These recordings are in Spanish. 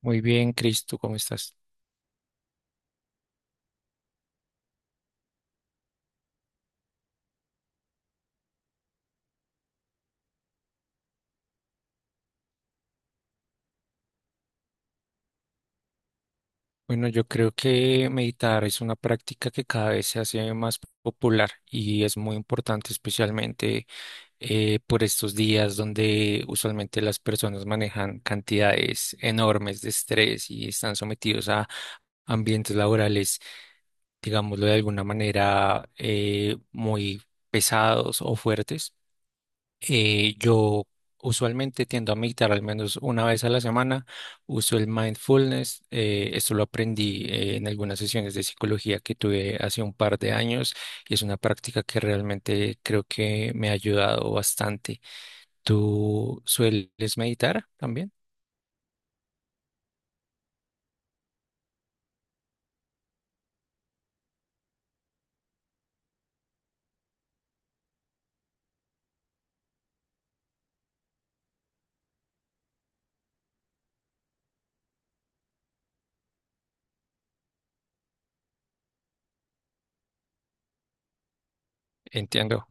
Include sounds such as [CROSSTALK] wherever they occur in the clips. Muy bien, Cristo, ¿cómo estás? Bueno, yo creo que meditar es una práctica que cada vez se hace más popular y es muy importante, especialmente por estos días donde usualmente las personas manejan cantidades enormes de estrés y están sometidos a ambientes laborales, digámoslo de alguna manera, muy pesados o fuertes. Yo usualmente tiendo a meditar al menos una vez a la semana. Uso el mindfulness. Esto lo aprendí en algunas sesiones de psicología que tuve hace un par de años y es una práctica que realmente creo que me ha ayudado bastante. ¿Tú sueles meditar también? Entiendo.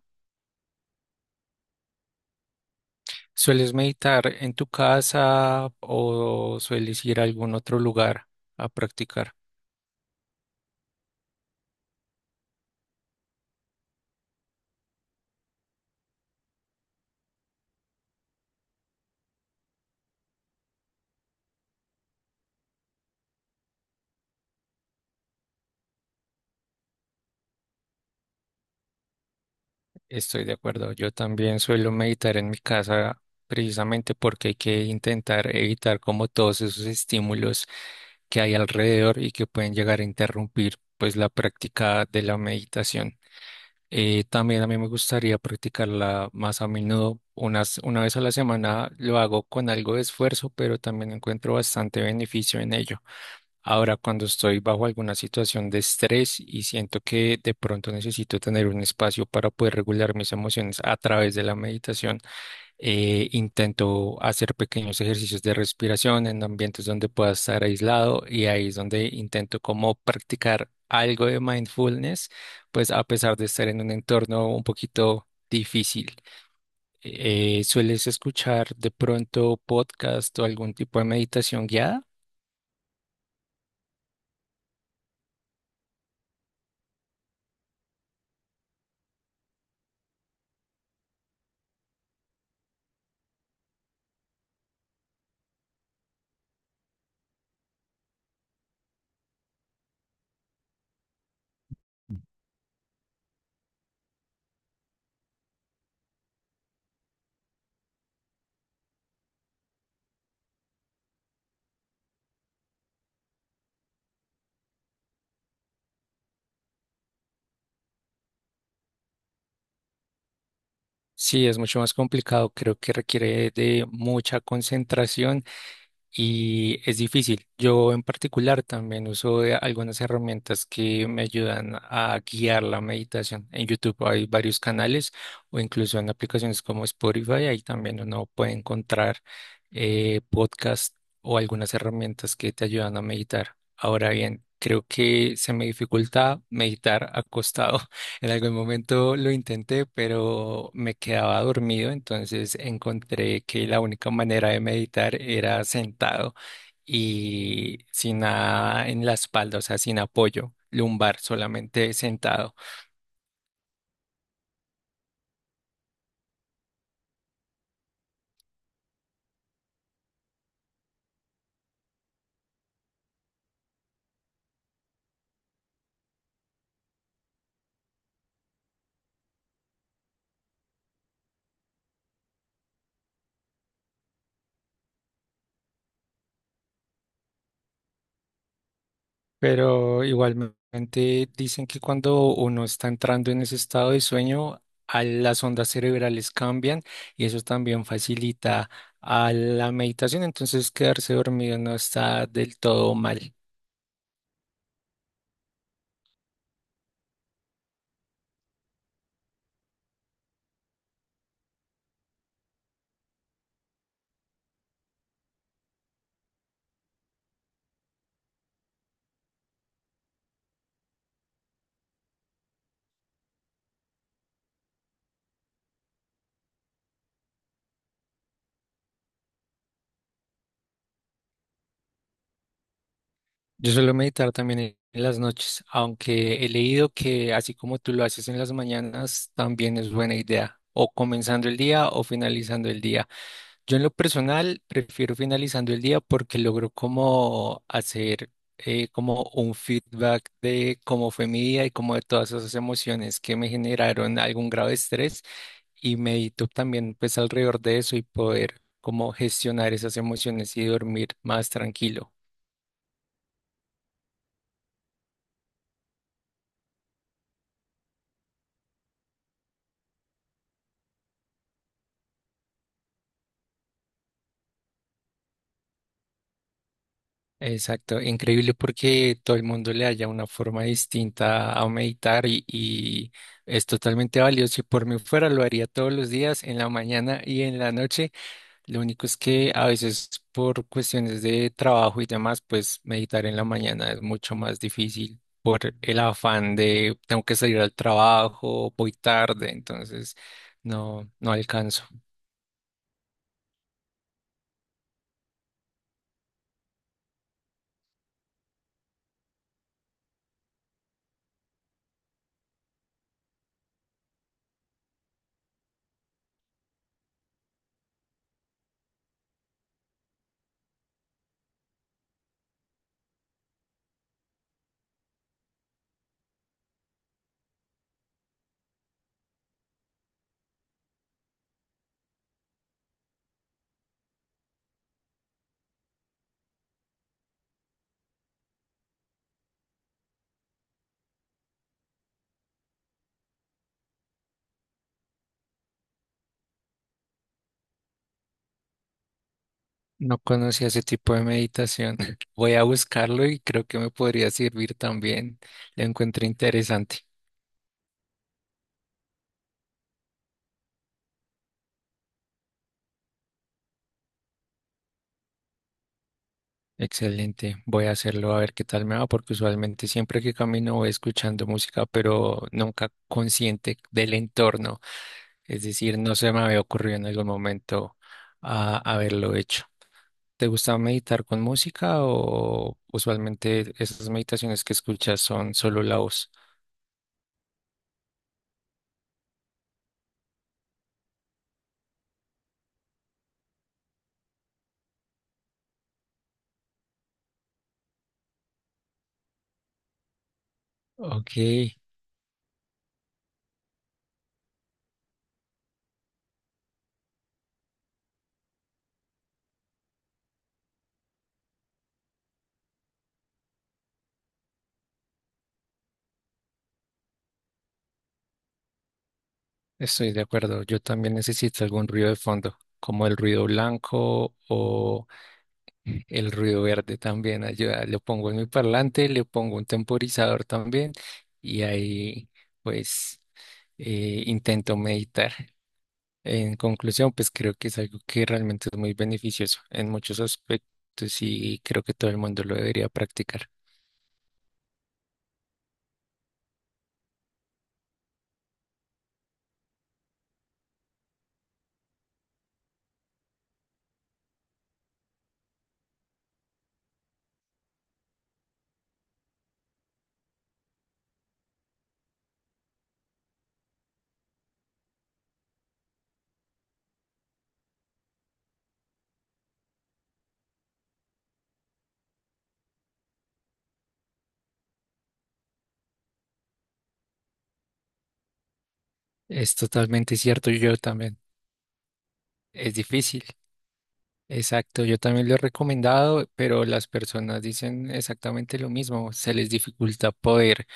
¿Sueles meditar en tu casa o sueles ir a algún otro lugar a practicar? Estoy de acuerdo. Yo también suelo meditar en mi casa precisamente porque hay que intentar evitar como todos esos estímulos que hay alrededor y que pueden llegar a interrumpir pues la práctica de la meditación. También a mí me gustaría practicarla más a menudo, una vez a la semana lo hago con algo de esfuerzo, pero también encuentro bastante beneficio en ello. Ahora, cuando estoy bajo alguna situación de estrés y siento que de pronto necesito tener un espacio para poder regular mis emociones a través de la meditación, intento hacer pequeños ejercicios de respiración en ambientes donde pueda estar aislado y ahí es donde intento como practicar algo de mindfulness, pues a pesar de estar en un entorno un poquito difícil. ¿Sueles escuchar de pronto podcast o algún tipo de meditación guiada? Sí, es mucho más complicado, creo que requiere de mucha concentración y es difícil. Yo en particular también uso de algunas herramientas que me ayudan a guiar la meditación. En YouTube hay varios canales o incluso en aplicaciones como Spotify, ahí también uno puede encontrar podcasts o algunas herramientas que te ayudan a meditar. Ahora bien, creo que se me dificulta meditar acostado. En algún momento lo intenté, pero me quedaba dormido, entonces encontré que la única manera de meditar era sentado y sin nada en la espalda, o sea, sin apoyo lumbar, solamente sentado. Pero igualmente dicen que cuando uno está entrando en ese estado de sueño, a las ondas cerebrales cambian y eso también facilita a la meditación, entonces quedarse dormido no está del todo mal. Yo suelo meditar también en las noches, aunque he leído que así como tú lo haces en las mañanas, también es buena idea, o comenzando el día o finalizando el día. Yo en lo personal prefiero finalizando el día porque logro como hacer como un feedback de cómo fue mi día y como de todas esas emociones que me generaron algún grado de estrés y medito también pues alrededor de eso y poder como gestionar esas emociones y dormir más tranquilo. Exacto, increíble porque todo el mundo le haya una forma distinta a meditar y es totalmente valioso. Si por mí fuera lo haría todos los días, en la mañana y en la noche. Lo único es que a veces por cuestiones de trabajo y demás, pues meditar en la mañana es mucho más difícil por el afán de tengo que salir al trabajo, voy tarde, entonces no alcanzo. No conocía ese tipo de meditación. [LAUGHS] Voy a buscarlo y creo que me podría servir también. Lo encuentro interesante. Excelente. Voy a hacerlo a ver qué tal me va, porque usualmente siempre que camino voy escuchando música, pero nunca consciente del entorno. Es decir, no se me había ocurrido en algún momento a haberlo hecho. ¿Te gusta meditar con música o usualmente esas meditaciones que escuchas son solo la voz? Ok. Estoy de acuerdo, yo también necesito algún ruido de fondo, como el ruido blanco o el ruido verde también ayuda. Lo pongo en mi parlante, le pongo un temporizador también y ahí pues intento meditar. En conclusión, pues creo que es algo que realmente es muy beneficioso en muchos aspectos y creo que todo el mundo lo debería practicar. Es totalmente cierto, yo también. Es difícil. Exacto, yo también lo he recomendado, pero las personas dicen exactamente lo mismo. Se les dificulta poder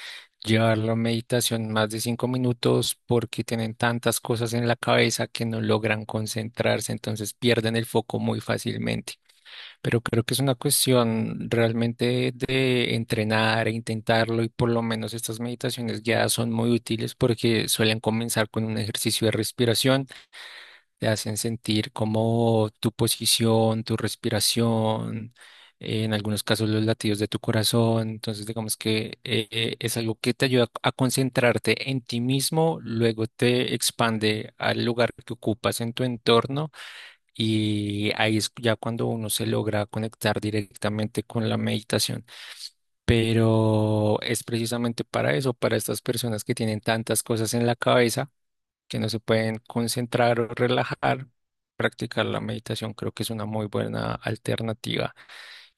llevar la meditación más de 5 minutos porque tienen tantas cosas en la cabeza que no logran concentrarse, entonces pierden el foco muy fácilmente. Pero creo que es una cuestión realmente de entrenar e intentarlo y por lo menos estas meditaciones guiadas son muy útiles porque suelen comenzar con un ejercicio de respiración te hacen sentir como tu posición, tu respiración, en algunos casos los latidos de tu corazón. Entonces, digamos que es algo que te ayuda a concentrarte en ti mismo, luego te expande al lugar que ocupas en tu entorno y ahí es ya cuando uno se logra conectar directamente con la meditación. Pero es precisamente para eso, para estas personas que tienen tantas cosas en la cabeza que no se pueden concentrar o relajar, practicar la meditación creo que es una muy buena alternativa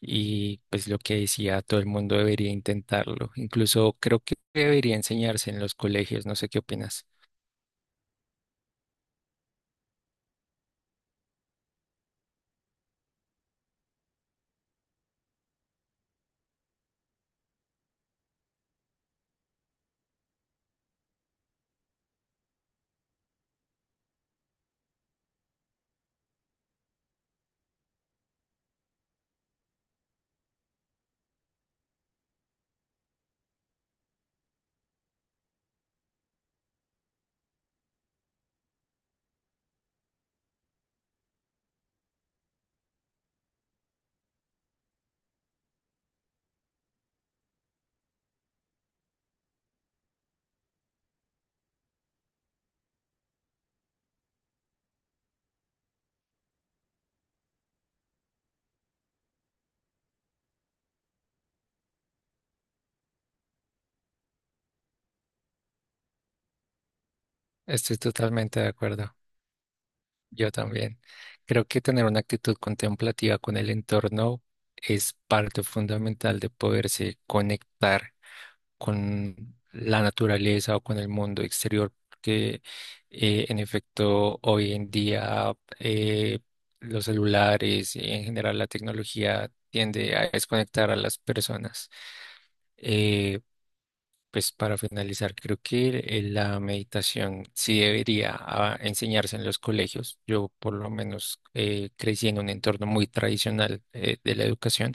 y pues lo que decía, todo el mundo debería intentarlo. Incluso creo que debería enseñarse en los colegios, no sé qué opinas. Estoy totalmente de acuerdo, yo también. Creo que tener una actitud contemplativa con el entorno es parte fundamental de poderse conectar con la naturaleza o con el mundo exterior, porque en efecto hoy en día eh, los celulares y en general la tecnología tiende a desconectar a las personas. Eh, pues para finalizar, creo que la meditación sí debería enseñarse en los colegios. Yo por lo menos crecí en un entorno muy tradicional de la educación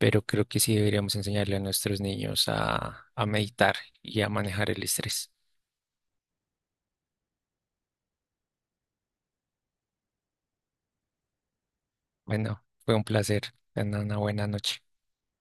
pero creo que sí deberíamos enseñarle a nuestros niños a meditar y a manejar el estrés. Bueno, fue un placer. Tengan una buena noche.